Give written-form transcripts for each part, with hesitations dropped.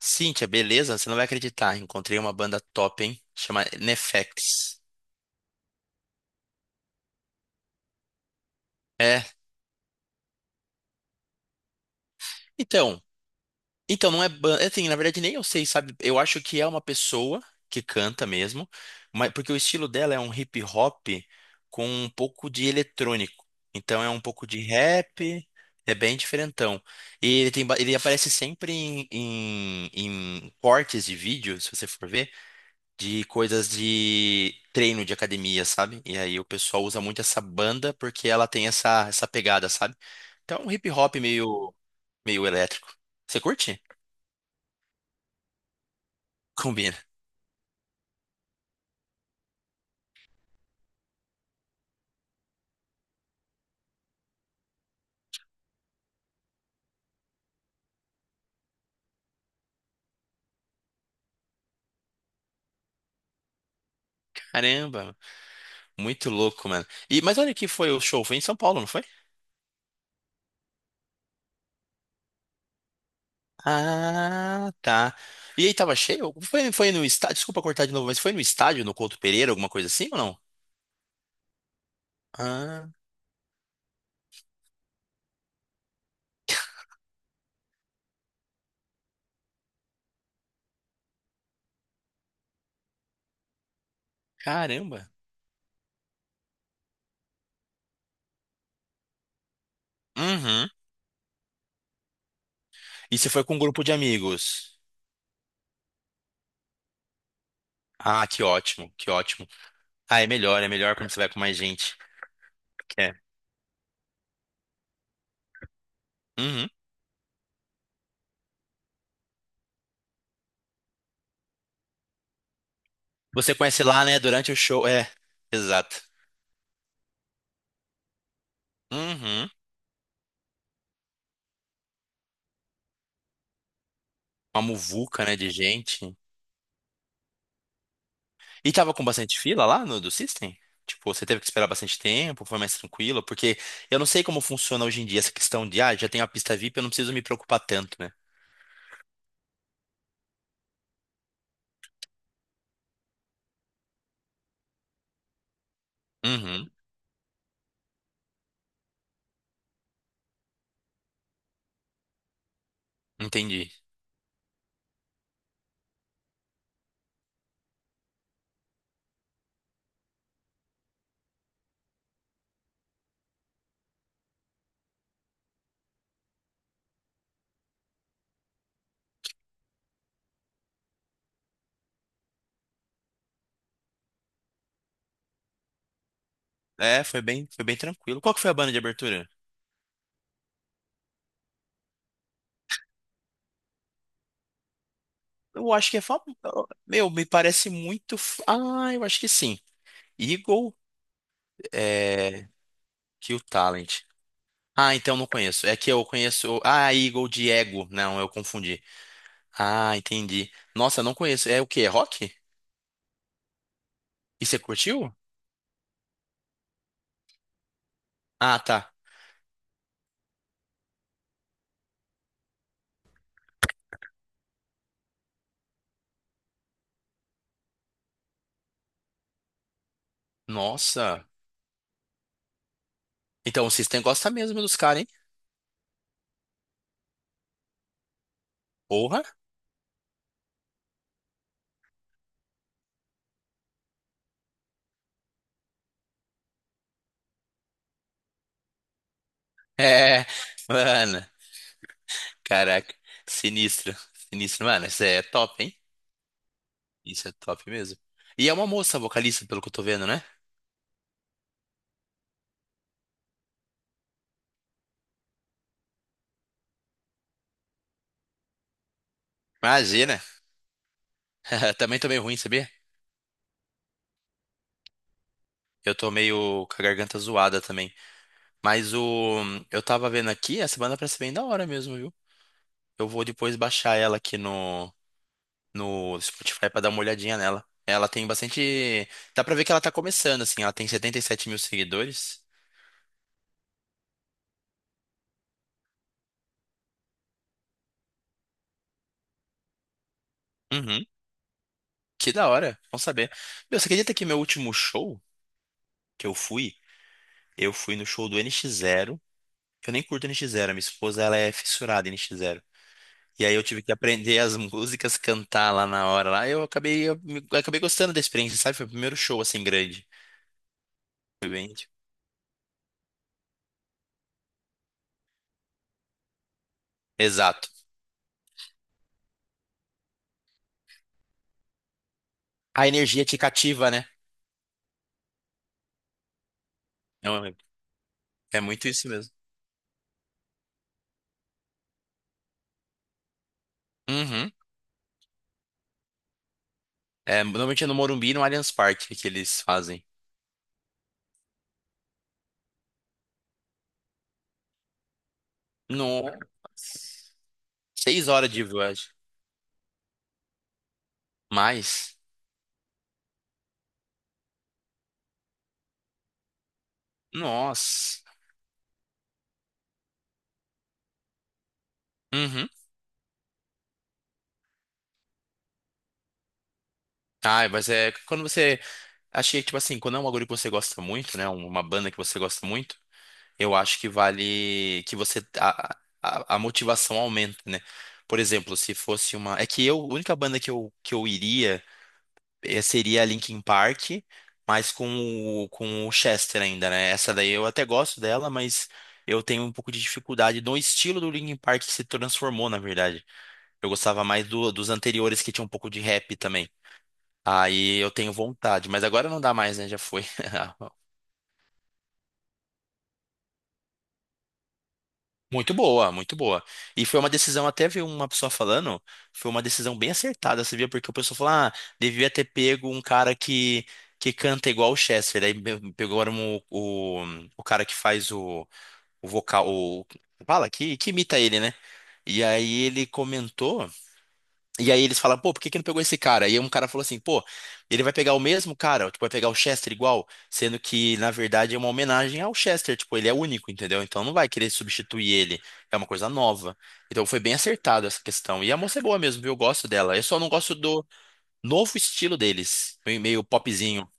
Cíntia, beleza? Você não vai acreditar. Encontrei uma banda top, hein? Chama Nefex. É. Então, então não é banda. Assim, na verdade, nem eu sei, sabe? Eu acho que é uma pessoa que canta mesmo, mas porque o estilo dela é um hip hop com um pouco de eletrônico. Então é um pouco de rap, é bem diferentão. E ele tem, ele aparece sempre em cortes de vídeo, se você for ver, de coisas de treino de academia, sabe? E aí o pessoal usa muito essa banda porque ela tem essa pegada, sabe? Então é um hip hop meio, meio elétrico. Você curte? Combina. Caramba, muito louco, mano. E, mas olha que foi o show, foi em São Paulo, não foi? Ah, tá. E aí tava cheio? Foi no estádio, desculpa cortar de novo, mas foi no estádio, no Couto Pereira, alguma coisa assim ou não? Ah, caramba. Uhum. E você foi com um grupo de amigos? Ah, que ótimo, que ótimo. Ah, é melhor quando você vai com mais gente. É. Uhum. Você conhece lá, né, durante o show. É, exato. Uhum. Uma muvuca, né, de gente. E tava com bastante fila lá no do System? Tipo, você teve que esperar bastante tempo, foi mais tranquilo? Porque eu não sei como funciona hoje em dia essa questão de, ah, já tenho a pista VIP, eu não preciso me preocupar tanto, né? Uhum. Entendi. É, foi bem tranquilo. Qual que foi a banda de abertura? Eu acho que é famoso. Meu, me parece muito. Ah, eu acho que sim. Eagle, é... Kill Talent. Ah, então não conheço. É que eu conheço. Ah, Eagle de Ego. Não, eu confundi. Ah, entendi. Nossa, não conheço. É o quê? É rock? E você curtiu? Ah, tá. Nossa. Então o System gosta mesmo dos caras, hein? Porra. É. Mano. Caraca. Sinistro. Sinistro. Mano, isso é top, hein? Isso é top mesmo. E é uma moça vocalista, pelo que eu tô vendo, né? Imagina. Também tô meio ruim, sabia? Eu tô meio com a garganta zoada também. Mas o. Eu tava vendo aqui, essa banda parece bem da hora mesmo, viu? Eu vou depois baixar ela aqui no, no Spotify pra dar uma olhadinha nela. Ela tem bastante. Dá pra ver que ela tá começando, assim. Ela tem 77 mil seguidores. Uhum. Que da hora. Bom saber. Meu, você acredita que meu último show que eu fui no show do N X Zero. Eu nem curto N X Zero. A minha esposa, ela é fissurada em N X Zero. E aí eu tive que aprender as músicas, cantar lá na hora. Lá eu acabei, acabei gostando da experiência, sabe? Foi o primeiro show, assim, grande. Foi bem, tipo, exato. A energia te cativa, né? É muito isso mesmo. Uhum. É, normalmente é no Morumbi e no Allianz Parque que eles fazem. Nossa. Seis horas de viagem. Mais? Nossa. Uhum. Ah, mas é quando você. Achei, tipo assim, quando é um bagulho que você gosta muito, né? Uma banda que você gosta muito, eu acho que vale. Que você. A motivação aumenta, né? Por exemplo, se fosse uma. É que eu, a única banda que eu iria, seria a Linkin Park, mas com o Chester ainda, né? Essa daí eu até gosto dela, mas eu tenho um pouco de dificuldade no estilo do Linkin Park que se transformou, na verdade. Eu gostava mais dos anteriores que tinha um pouco de rap também. Aí eu tenho vontade, mas agora não dá mais, né? Já foi. Muito boa, muito boa. E foi uma decisão, até vi uma pessoa falando, foi uma decisão bem acertada, você via, porque o pessoal falou, ah, devia ter pego um cara que canta igual o Chester. Aí pegaram o cara que faz o vocal, o, fala, que imita ele, né? E aí ele comentou. E aí eles falam, pô, por que que não pegou esse cara? E aí um cara falou assim, pô, ele vai pegar o mesmo cara, tipo, vai pegar o Chester igual, sendo que, na verdade, é uma homenagem ao Chester, tipo, ele é único, entendeu? Então não vai querer substituir ele, é uma coisa nova. Então foi bem acertado essa questão. E a moça é boa mesmo, viu? Eu gosto dela. Eu só não gosto do novo estilo deles, meio popzinho.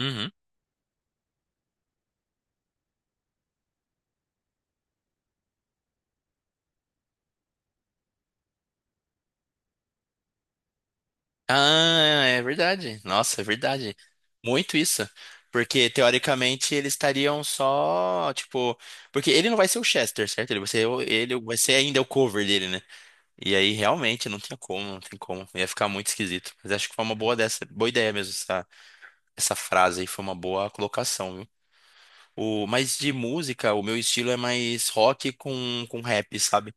Uhum. Ah, é verdade. Nossa, é verdade. Muito isso. Porque, teoricamente, eles estariam só, tipo... Porque ele não vai ser o Chester, certo? Ele vai ser, ele vai ser ainda o cover dele, né? E aí, realmente, não tinha como, não tem como. Ia ficar muito esquisito. Mas acho que foi uma boa dessa, boa ideia mesmo, essa frase aí. Foi uma boa colocação, viu? O, mas de música, o meu estilo é mais rock com rap, sabe?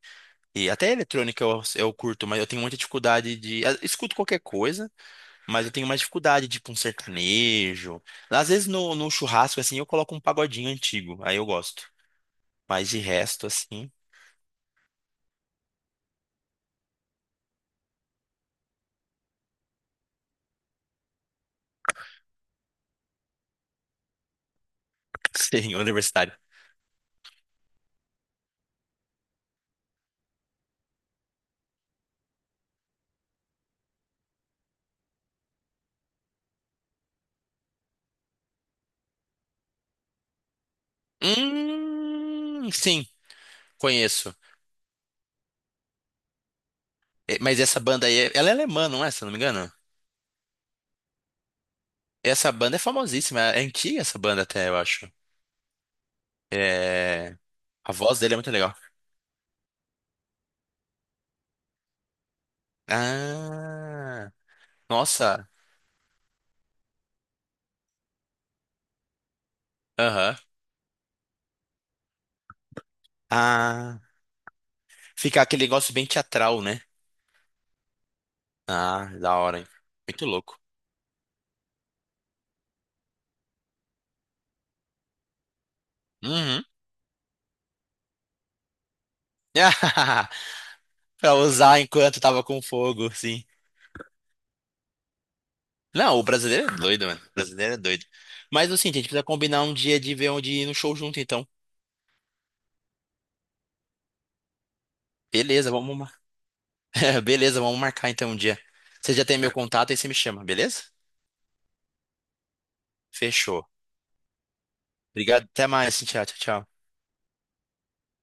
E até eletrônica eu curto, mas eu tenho muita dificuldade de... ah, escuto qualquer coisa. Mas eu tenho mais dificuldade, tipo um sertanejo. Às vezes no churrasco, assim, eu coloco um pagodinho antigo. Aí eu gosto. Mas de resto, assim, senhor universitário. Sim, conheço. É, mas essa banda aí, é, ela é alemã, não é? Se eu não me engano. Essa banda é famosíssima. É antiga essa banda até, eu acho. É... A voz dele é muito legal. Ah, nossa. Aham. Ah, fica aquele negócio bem teatral, né? Ah, da hora, hein? Muito louco. Uhum. Pra usar enquanto tava com fogo, sim. Não, o brasileiro é doido, mano. O brasileiro é doido. Mas assim, a gente precisa combinar um dia de ver onde ir no show junto, então. Beleza, vamos. Beleza, vamos marcar então um dia. Você já tem meu contato aí você me chama, beleza? Fechou. Obrigado, até mais, Cintia. Tchau, tchau.